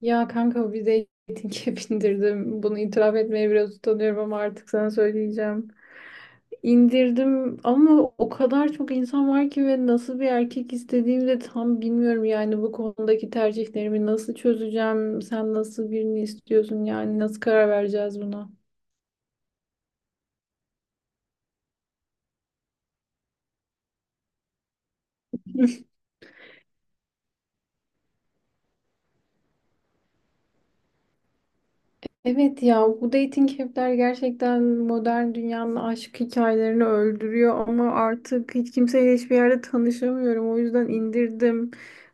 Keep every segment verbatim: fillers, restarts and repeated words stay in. Ya kanka bir dating app indirdim. Bunu itiraf etmeye biraz utanıyorum ama artık sana söyleyeceğim. İndirdim ama o kadar çok insan var ki ve nasıl bir erkek istediğimi de tam bilmiyorum. Yani bu konudaki tercihlerimi nasıl çözeceğim? Sen nasıl birini istiyorsun? Yani nasıl karar vereceğiz buna? Evet, ya bu dating app'ler gerçekten modern dünyanın aşk hikayelerini öldürüyor ama artık hiç kimseyle hiçbir yerde tanışamıyorum. O yüzden indirdim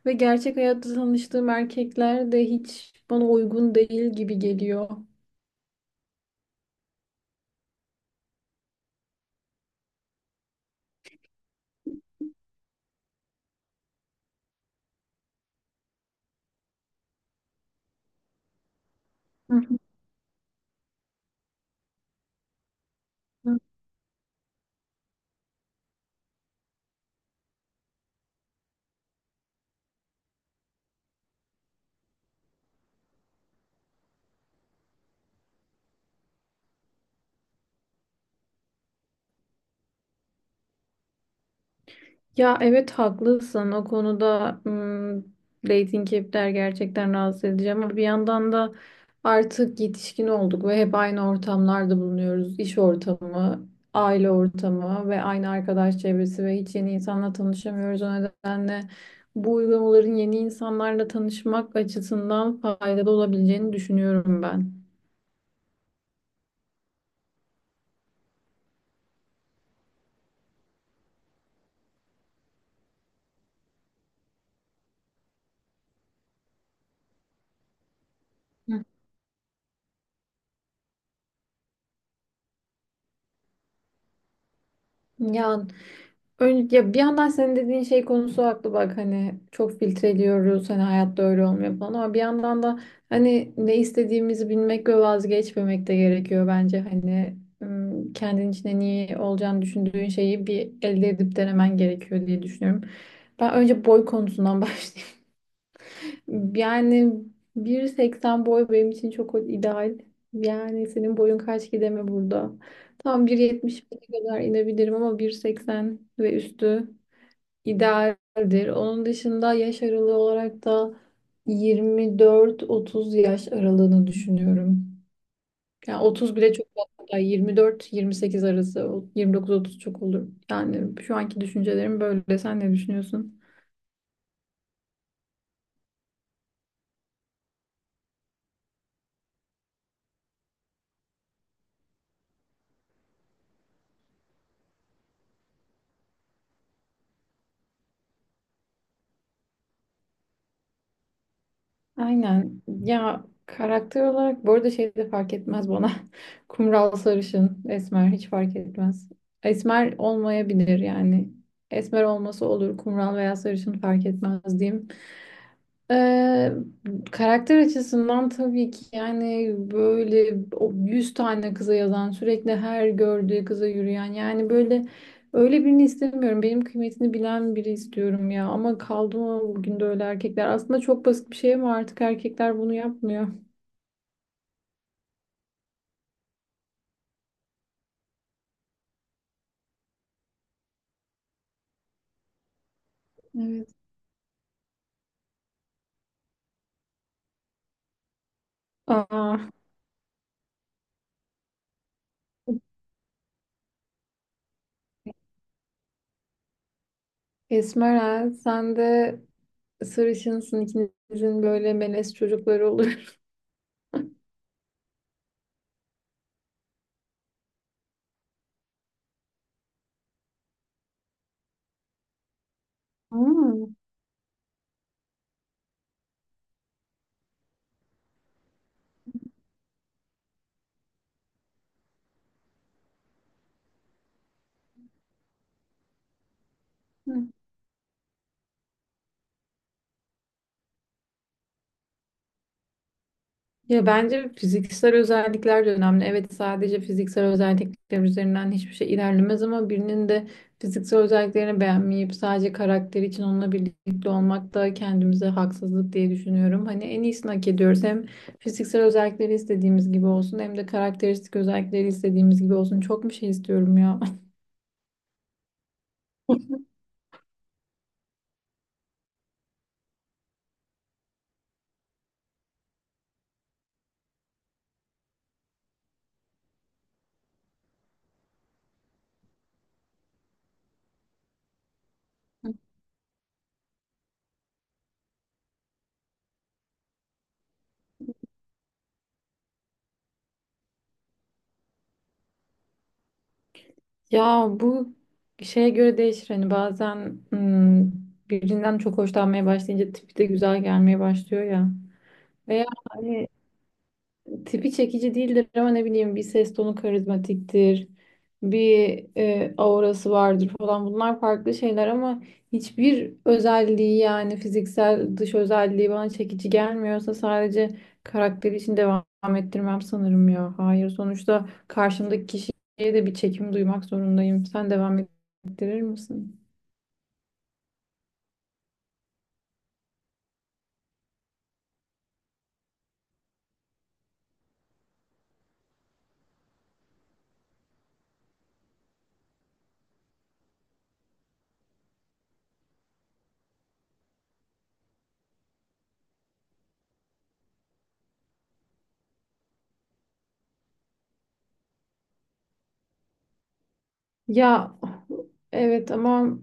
ve gerçek hayatta tanıştığım erkekler de hiç bana uygun değil gibi geliyor. Hı hı. Ya evet, haklısın o konuda. Hmm, dating app'ler gerçekten rahatsız edici ama bir yandan da artık yetişkin olduk ve hep aynı ortamlarda bulunuyoruz. İş ortamı, aile ortamı ve aynı arkadaş çevresi ve hiç yeni insanla tanışamıyoruz. O nedenle bu uygulamaların yeni insanlarla tanışmak açısından faydalı olabileceğini düşünüyorum ben. Hı. Ya öyle, ya bir yandan senin dediğin şey konusu haklı, bak hani çok filtreliyoruz, hani hayatta öyle olmuyor falan ama bir yandan da hani ne istediğimizi bilmek ve vazgeçmemek de gerekiyor bence. Hani ım, kendin içinde niye olacağını düşündüğün şeyi bir elde edip denemen gerekiyor diye düşünüyorum. Ben önce boy konusundan başlayayım. Yani bir seksen boy benim için çok ideal. Yani senin boyun kaç, gideme burada? Tam bir yetmiş kadar inebilirim ama bir seksen ve üstü idealdir. Onun dışında yaş aralığı olarak da yirmi dört otuz yaş aralığını düşünüyorum. Yani otuz bile çok fazla. yirmi dört yirmi sekiz arası, yirmi dokuz otuz çok olur. Yani şu anki düşüncelerim böyle. Sen ne düşünüyorsun? Aynen. Ya karakter olarak bu arada şey de fark etmez bana. Kumral, sarışın, esmer hiç fark etmez. Esmer olmayabilir yani. Esmer olması olur, kumral veya sarışın fark etmez diyeyim. Ee, Karakter açısından tabii ki, yani böyle o yüz tane kıza yazan, sürekli her gördüğü kıza yürüyen, yani böyle öyle birini istemiyorum. Benim kıymetini bilen biri istiyorum ya ama kaldı mı bugün de öyle erkekler? Aslında çok basit bir şey ama artık erkekler bunu yapmıyor. Evet. Aa, esmera sen de sarışınsın, ikinizin böyle melez çocukları olur. Hmm. Ya bence fiziksel özellikler de önemli. Evet, sadece fiziksel özellikler üzerinden hiçbir şey ilerlemez ama birinin de fiziksel özelliklerini beğenmeyip sadece karakter için onunla birlikte olmak da kendimize haksızlık diye düşünüyorum. Hani en iyisini hak ediyoruz. Hem fiziksel özellikleri istediğimiz gibi olsun, hem de karakteristik özellikleri istediğimiz gibi olsun. Çok bir şey istiyorum ya. Ya bu şeye göre değişir, hani bazen hmm, birinden çok hoşlanmaya başlayınca tipi de güzel gelmeye başlıyor ya. Veya hani tipi çekici değildir ama ne bileyim, bir ses tonu karizmatiktir, bir e, aurası vardır falan, bunlar farklı şeyler ama hiçbir özelliği, yani fiziksel dış özelliği bana çekici gelmiyorsa sadece karakteri için devam ettirmem sanırım ya. Hayır, sonuçta karşımdaki kişiye de bir çekim duymak zorundayım. Sen devam ettirir misin? Ya evet ama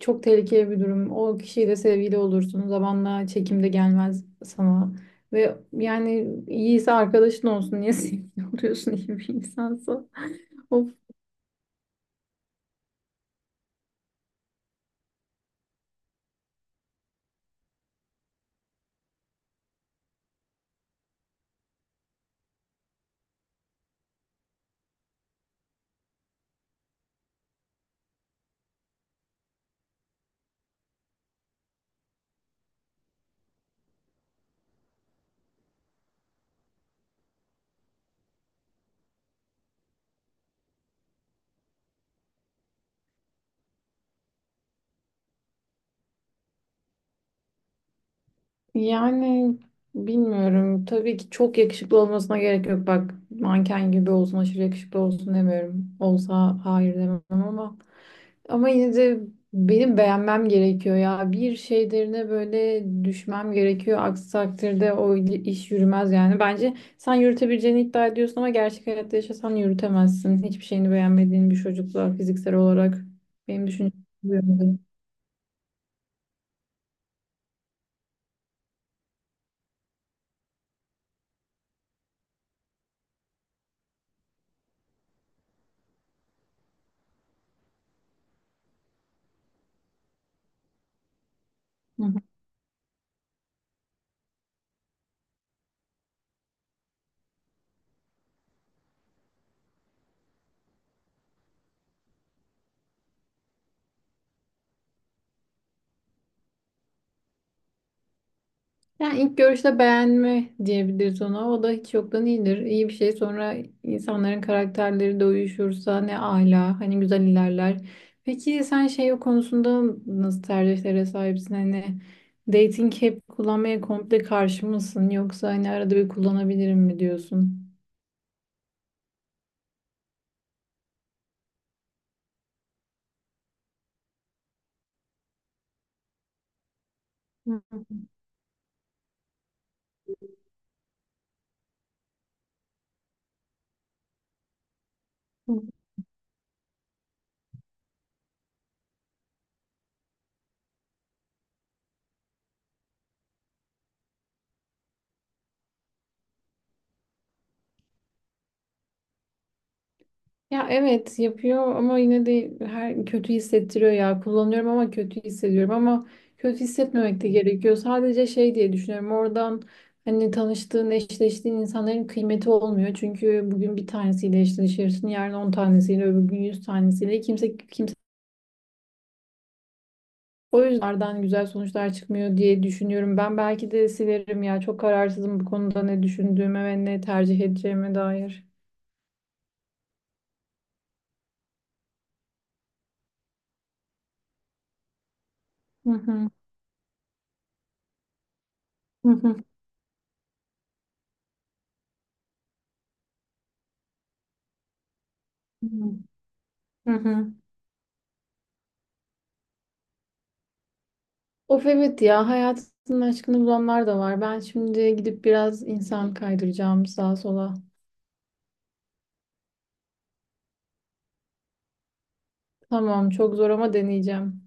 çok tehlikeli bir durum. O kişiyle sevgili olursun. Zamanla çekim de gelmez sana. Ve yani iyiyse arkadaşın olsun. Niye sevgili oluyorsun iyi bir insansa? Of. Yani bilmiyorum. Tabii ki çok yakışıklı olmasına gerek yok. Bak, manken gibi olsun, aşırı yakışıklı olsun demiyorum. Olsa hayır demem ama. Ama yine de benim beğenmem gerekiyor ya. Bir şeylerine böyle düşmem gerekiyor. Aksi takdirde o iş yürümez yani. Bence sen yürütebileceğini iddia ediyorsun ama gerçek hayatta yaşasan yürütemezsin. Hiçbir şeyini beğenmediğin bir çocukla fiziksel olarak, benim düşüncem bu yönde. Yani ilk görüşte beğenme diyebiliriz ona. O da hiç yoktan iyidir. İyi bir şey. Sonra insanların karakterleri de uyuşursa ne ala. Hani güzel ilerler. Peki sen şey o konusunda nasıl tercihlere sahipsin? Hani dating app kullanmaya komple karşı mısın? Yoksa hani arada bir kullanabilirim mi diyorsun? Ya evet, yapıyor ama yine de her kötü hissettiriyor ya. Kullanıyorum ama kötü hissediyorum ama kötü hissetmemek de gerekiyor. Sadece şey diye düşünüyorum. Oradan hani tanıştığın, eşleştiğin insanların kıymeti olmuyor. Çünkü bugün bir tanesiyle eşleşirsin, yarın on tanesiyle, öbür gün yüz tanesiyle. Kimse kimse, o yüzden oradan güzel sonuçlar çıkmıyor diye düşünüyorum. Ben belki de silerim ya. Çok kararsızım bu konuda ne düşündüğüme ve ne tercih edeceğime dair. Hı hı. Hı hı. Hı hı. Hı hı. Of evet ya, hayatının aşkını bulanlar da var. Ben şimdi gidip biraz insan kaydıracağım sağa sola. Tamam, çok zor ama deneyeceğim.